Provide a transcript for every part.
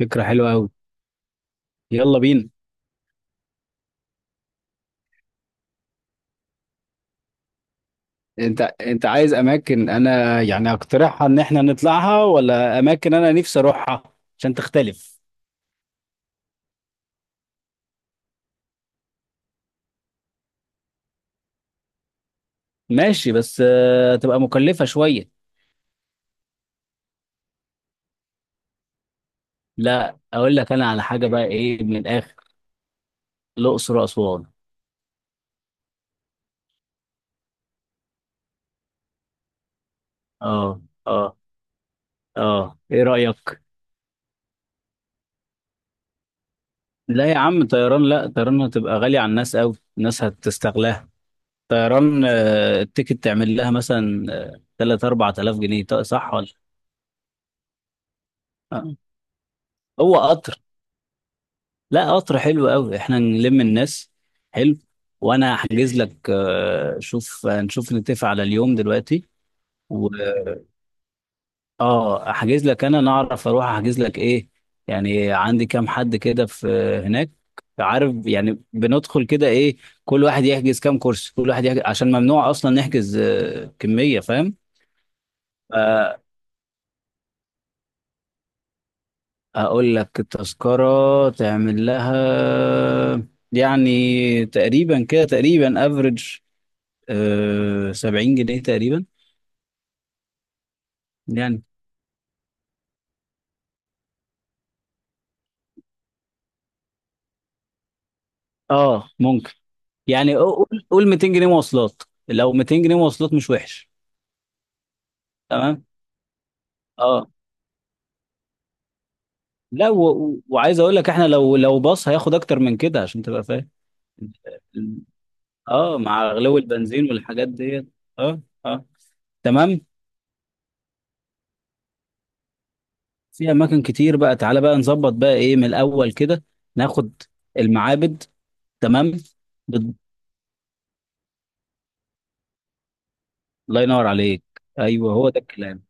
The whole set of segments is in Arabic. فكرة حلوة أوي. يلا بينا. أنت عايز أماكن أنا يعني أقترحها إن إحنا نطلعها، ولا أماكن أنا نفسي أروحها عشان تختلف؟ ماشي بس تبقى مكلفة شوية. لا أقول لك أنا على حاجة بقى، إيه من الآخر؟ الأقصر وأسوان. أه أه، أه إيه رأيك؟ لا يا عم طيران، لا طيران هتبقى غالية على الناس أوي، الناس هتستغلاها. طيران التيكت تعمل لها مثلا 3 4000 جنيه، طيب صح ولا؟ آه. هو قطر، لا قطر حلو قوي، احنا نلم الناس. حلو. وانا هحجز لك شوف نشوف نتفق على اليوم دلوقتي. و اه احجز لك انا، نعرف اروح احجز لك ايه يعني، عندي كام حد كده في هناك، عارف، يعني بندخل كده ايه. كل واحد يحجز كام كرسي، كل واحد يحجز عشان ممنوع اصلا نحجز كمية، فاهم؟ آه، اقول لك التذكرة تعمل لها يعني تقريبا كده، تقريبا افريج، أه 70 جنيه تقريبا يعني. اه ممكن. يعني قول، قول 200 جنيه مواصلات، لو 200 جنيه مواصلات مش وحش، تمام. اه، لا وعايز اقول لك احنا لو باص هياخد اكتر من كده عشان تبقى فاهم. اه مع غلو البنزين والحاجات ديت. اه، اه، تمام. في اماكن كتير بقى، تعالى بقى نظبط بقى ايه من الاول كده. ناخد المعابد، تمام. بت- الله ينور عليك. ايوه هو ده الكلام.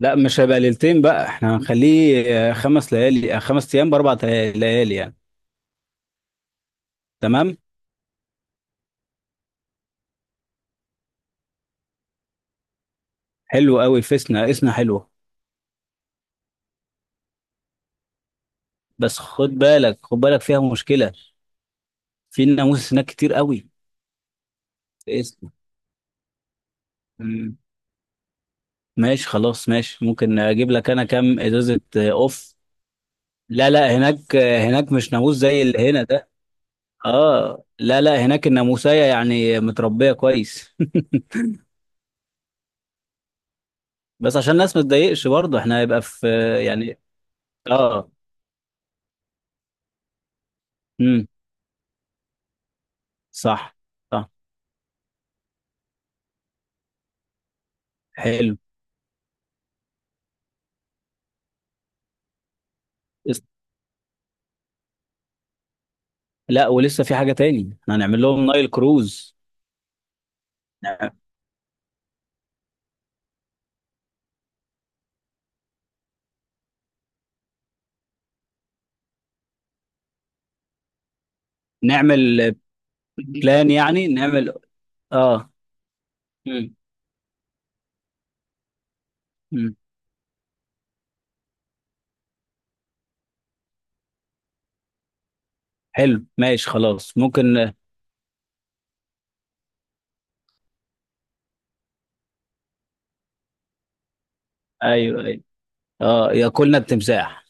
لا مش هيبقى ليلتين بقى، احنا هنخليه خمس ليالي خمس ايام باربع ليالي يعني. تمام. حلو قوي فيسنا، اسنا حلوه. بس خد بالك، خد بالك فيها مشكله، في ناموس هناك كتير قوي، في اسنا. مم. ماشي خلاص، ماشي، ممكن اجيب لك انا كام ازازه اوف. لا لا، هناك هناك مش ناموس زي اللي هنا ده. اه لا لا، هناك الناموسيه يعني متربيه كويس. بس عشان الناس ما تضايقش برضه، احنا هيبقى في يعني. اه. امم. صح، صح، حلو. لس- لا، ولسه في حاجة تاني، احنا هنعمل لهم نايل كروز. نع- نعمل بلان، يعني نعمل. اه. مم. مم. حلو، ماشي خلاص ممكن. ايوه ايوه، اه، ياكلنا التمساح.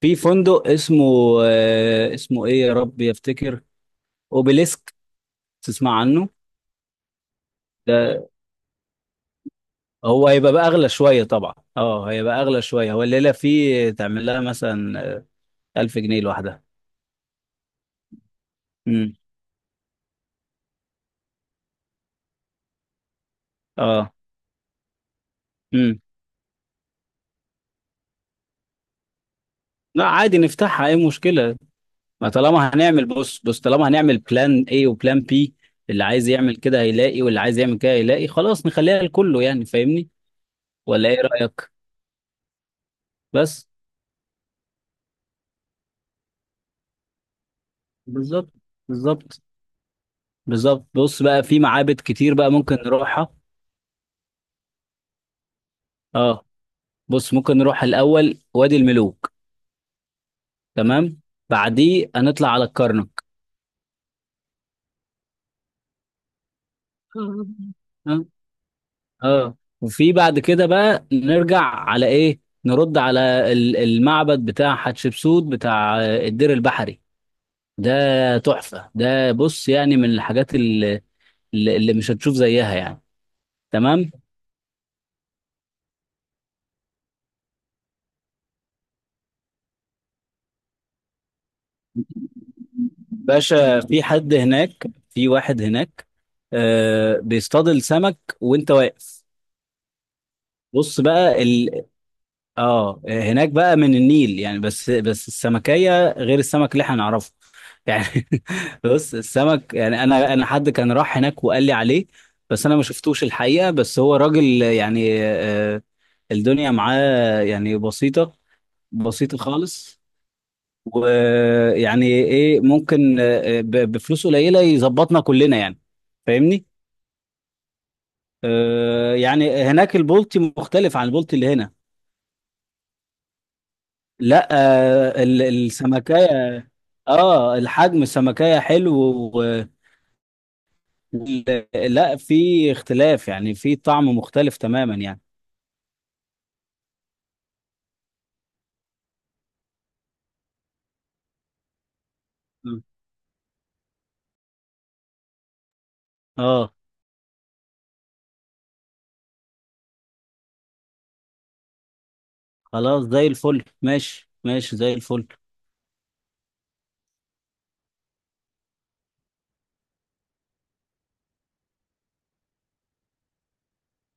في فندق اسمه، اسمه ايه، يا رب يفتكر، اوبيليسك، تسمع عنه؟ ده هو هيبقى بقى اغلى شوية طبعا، اه هيبقى اغلى شوية، هو الليلة فيه تعمل لها مثلا 1000 جنيه لوحدها. امم. اه. امم. لا عادي نفتحها، ايه مشكلة. ما طالما هنعمل، بص بص، طالما هنعمل بلان اي وبلان بي، اللي عايز يعمل كده هيلاقي، واللي عايز يعمل كده هيلاقي، خلاص نخليها لكله يعني، فاهمني؟ ولا ايه رأيك؟ بس. بالظبط، بالظبط، بالظبط. بص بقى في معابد كتير بقى ممكن نروحها. اه، بص ممكن نروح الاول وادي الملوك. تمام. بعديه هنطلع على الكرنك. اه. آه. اه. وفي بعد كده بقى نرجع على ايه، نرد على المعبد بتاع حتشبسوت، بتاع الدير البحري ده. تحفة ده، بص يعني من الحاجات اللي، اللي مش هتشوف زيها يعني. تمام. باشا في حد هناك، في واحد هناك بيصطاد السمك وانت واقف. بص بقى اه هناك بقى من النيل يعني، بس السمكية غير السمك اللي احنا نعرفه يعني. بص السمك يعني، انا حد كان راح هناك وقال لي عليه، بس انا ما شفتوش الحقيقة، بس هو راجل يعني آه الدنيا معاه يعني بسيطة، بسيط خالص. ويعني ايه ممكن بفلوس قليله يظبطنا كلنا يعني، فاهمني؟ يعني هناك البولتي مختلف عن البولتي اللي هنا. لا السمكية. اه الحجم، السمكية حلو لا في اختلاف يعني، في طعم مختلف تماما يعني. م. اه. خلاص زي الفل، ماشي ماشي، زي الفل.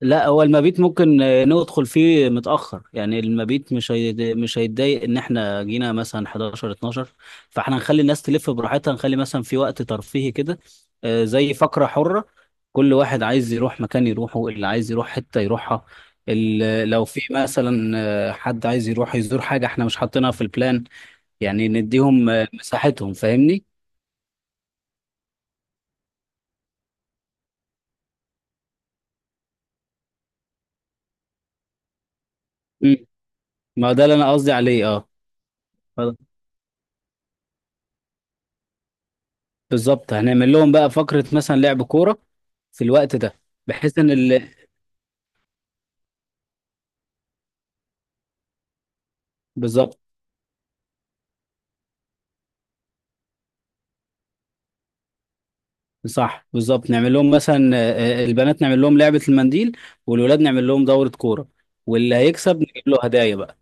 لا هو المبيت ممكن ندخل فيه متأخر يعني، المبيت مش مش هيتضايق ان احنا جينا مثلا 11، 12. فاحنا هنخلي الناس تلف براحتها، نخلي مثلا في وقت ترفيهي كده زي فقرة حرة، كل واحد عايز يروح مكان يروحه، اللي عايز يروح حتة يروحها. لو في مثلا حد عايز يروح يزور حاجة احنا مش حاطينها في البلان، يعني نديهم مساحتهم، فاهمني؟ مم. ما ده اللي انا قصدي عليه، اه. بالظبط، هنعمل لهم بقى فقرة مثلا لعب كورة في الوقت ده. بحيث ان بالظبط. صح بالظبط، نعمل لهم مثلا البنات نعمل لهم لعبة المنديل، والولاد نعمل لهم دورة كورة، واللي هيكسب نجيب له هدايا بقى.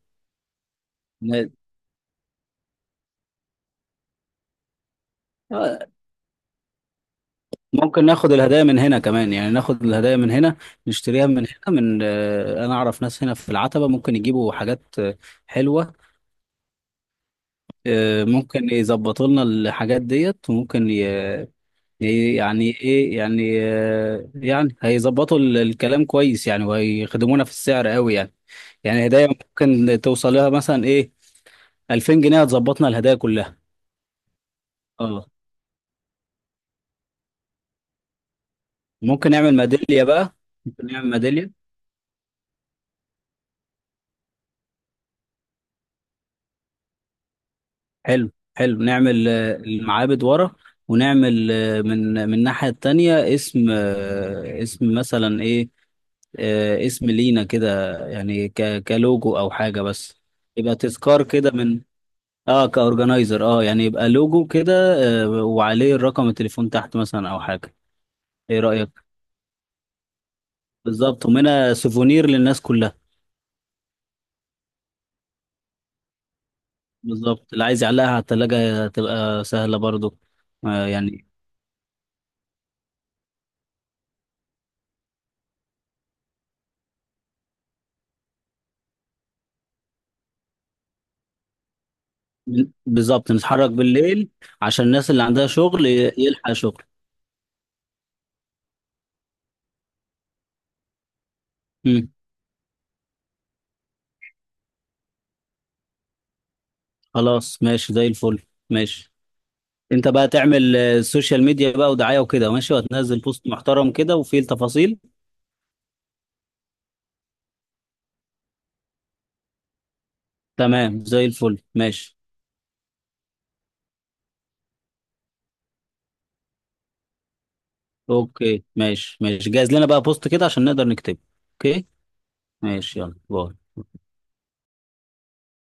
ن- آه، ممكن ناخد الهدايا من هنا كمان، يعني ناخد الهدايا من هنا، نشتريها من هنا من انا اعرف ناس هنا في العتبة، ممكن يجيبوا حاجات حلوة. ممكن يظبطوا لنا الحاجات ديت، وممكن إيه يعني ايه يعني آه يعني هيظبطوا الكلام كويس يعني، وهيخدمونا في السعر قوي يعني. يعني هدايا ممكن توصل لها مثلا ايه، 2000 جنيه هتظبطنا الهدايا كلها. اه ممكن نعمل ميدالية بقى. ممكن نعمل ميدالية، حلو حلو، نعمل المعابد ورا، ونعمل من الناحية التانية اسم اسم مثلا ايه اسم لينا كده يعني، كلوجو او حاجة بس، يبقى تذكار كده من. اه كاورجنايزر، اه يعني يبقى لوجو كده. وعليه الرقم التليفون تحت مثلا او حاجه. ايه رايك؟ بالظبط، ومنها سوفونير للناس كلها. بالظبط، اللي عايز يعلقها على التلاجة هتبقى سهله برضو. آه يعني. بالظبط، نتحرك بالليل عشان الناس اللي عندها شغل يلحق شغل. مم. خلاص ماشي، زي الفل، ماشي. انت بقى تعمل السوشيال ميديا بقى، ودعايه وكده ماشي، وهتنزل بوست محترم كده وفيه التفاصيل. تمام زي الفل، ماشي. اوكي ماشي ماشي، جهز لنا بقى بوست كده عشان نقدر نكتبه. اوكي، ماشي، يلا باي.